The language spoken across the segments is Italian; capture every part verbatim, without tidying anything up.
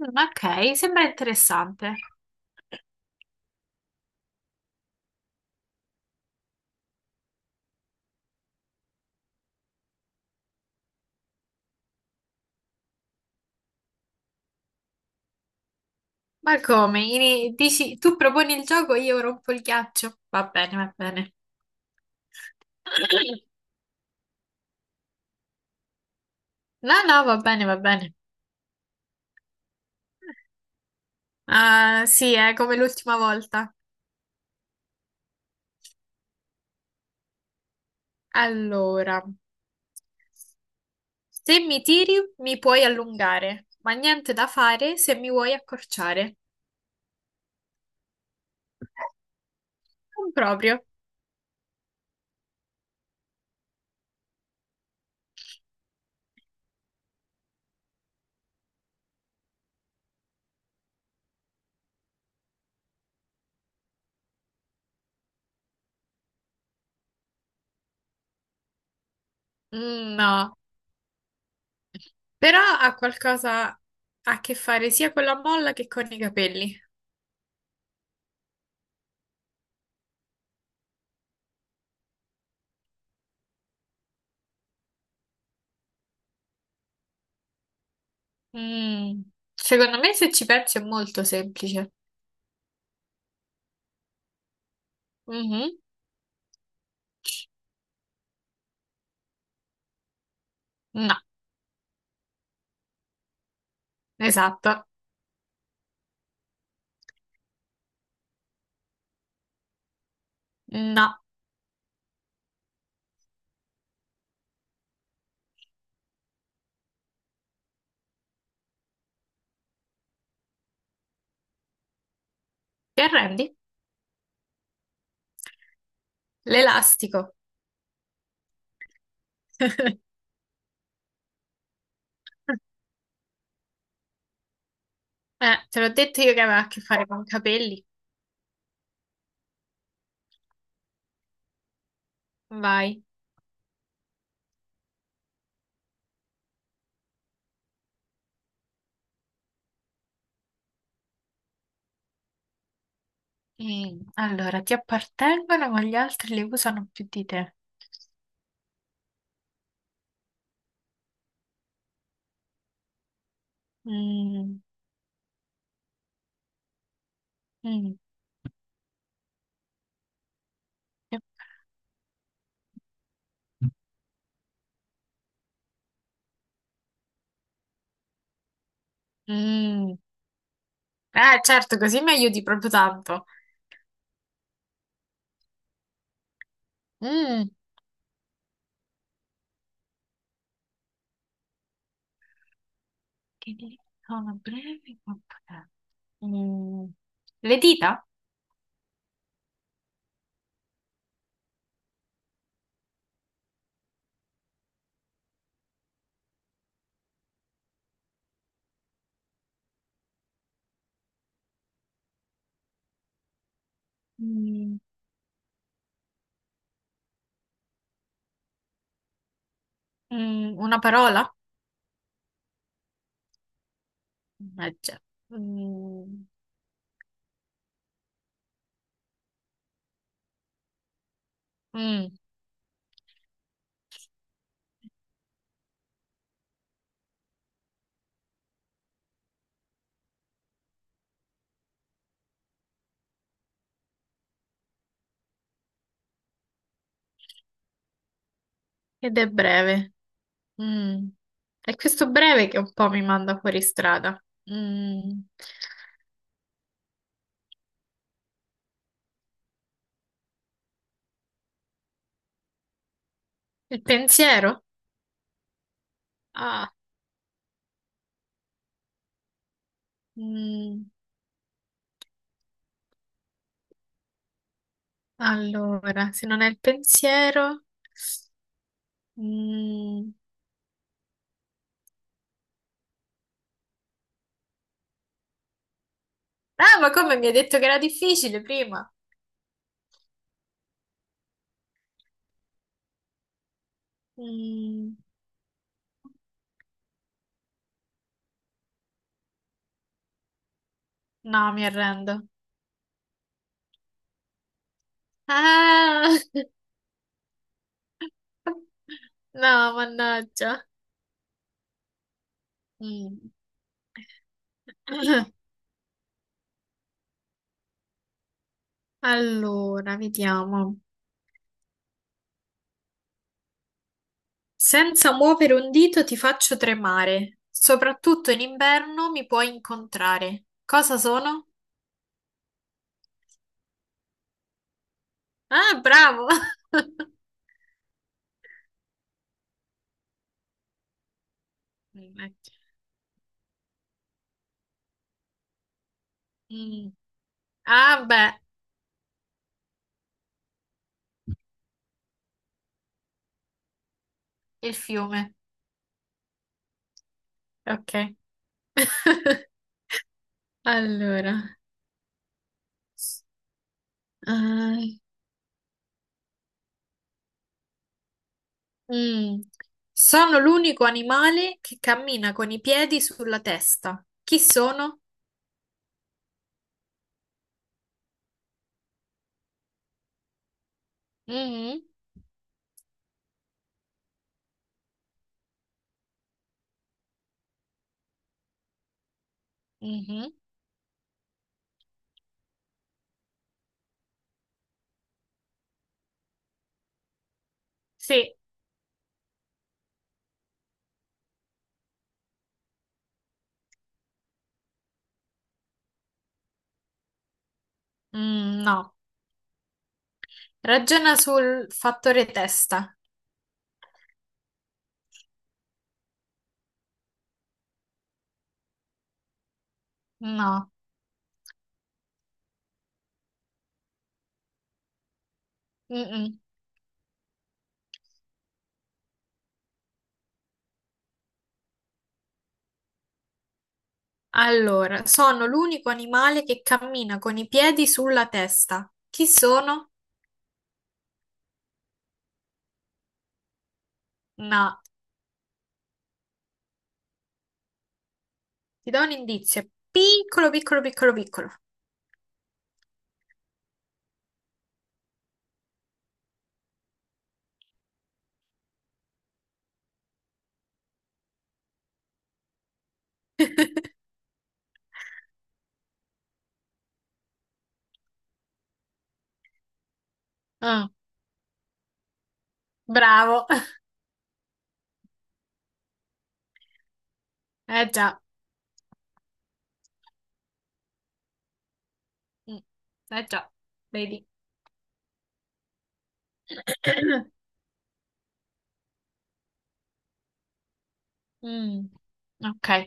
Mm, Ok, sembra interessante. Ma come? Ini- dici, tu proponi il gioco, io rompo il ghiaccio? Va bene, va bene. No, no, va bene, va bene. Ah, sì, è come l'ultima volta. Allora, se mi tiri, mi puoi allungare, ma niente da fare se mi vuoi accorciare. Non proprio. Mm, no, però ha qualcosa a che fare sia con la molla che con i capelli. Mm, Secondo me, se ci pensi, è molto semplice. Mhm. No, esatto. No. Ti arrendi? L'elastico. Eh, te l'ho detto io che aveva a che fare con i capelli. Vai. Mm, Allora, ti appartengono, ma gli altri li usano più di te. Mm, mm, mm. Eh, certo, così mi aiuti proprio tanto. Mm, Che dita sono brevi, ma potenti. Mm, Le dita? Mm, Mm, una parola? Eh già. Mm, mm, Ed è breve. Mm. È questo breve che un po' mi manda fuori strada. Mm. Il pensiero? Ah, mm, allora, se non è il pensiero... mm. Ah, ma come mi hai detto che era difficile prima? Mm, no, mi arrendo. Ah! No, mannaggia. Mm. Allora, vediamo. Senza muovere un dito ti faccio tremare. Soprattutto in inverno mi puoi incontrare. Cosa sono? Ah, bravo! Mm. mm. Ah, beh, il fiume. Ok. Allora, eh, mm. Sono l'unico animale che cammina con i piedi sulla testa. Chi sono? Mhm, mhm. Sì, mm, no. Ragiona sul fattore testa. No. Mm-mm. Allora, sono l'unico animale che cammina con i piedi sulla testa. Chi sono? No. Ti do un indizio. Piccolo, piccolo, piccolo, piccolo. Mm, bravo. Eh già. Mm, Eh già. Vedi. Mm, ok.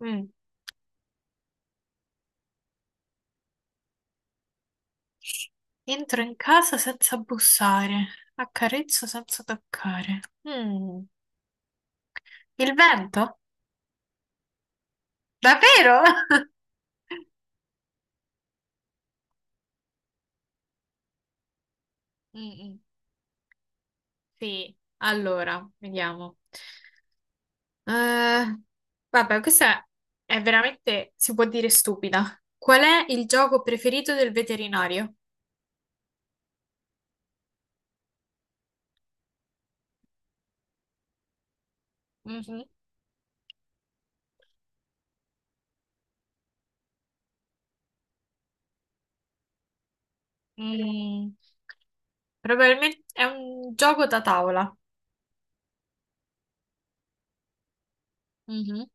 Mm. Entro in casa senza bussare. Accarezzo senza toccare. Mm, Il vento? Davvero? Mm, mm. Sì, allora, vediamo. Eh, vabbè, questa è veramente, si può dire stupida. Qual è il gioco preferito del veterinario? Mhm. Mm, Probabilmente è un gioco da tavola. Mhm.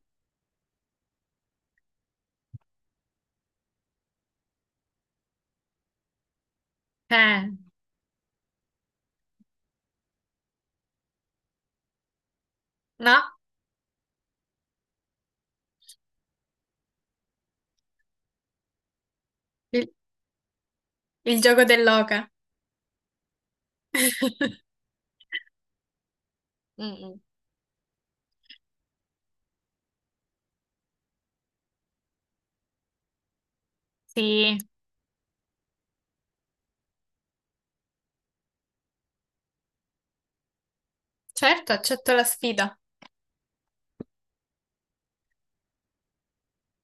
Eh, no, il, il gioco dell'oca. Mm, mm. Sì, certo, accetto la sfida.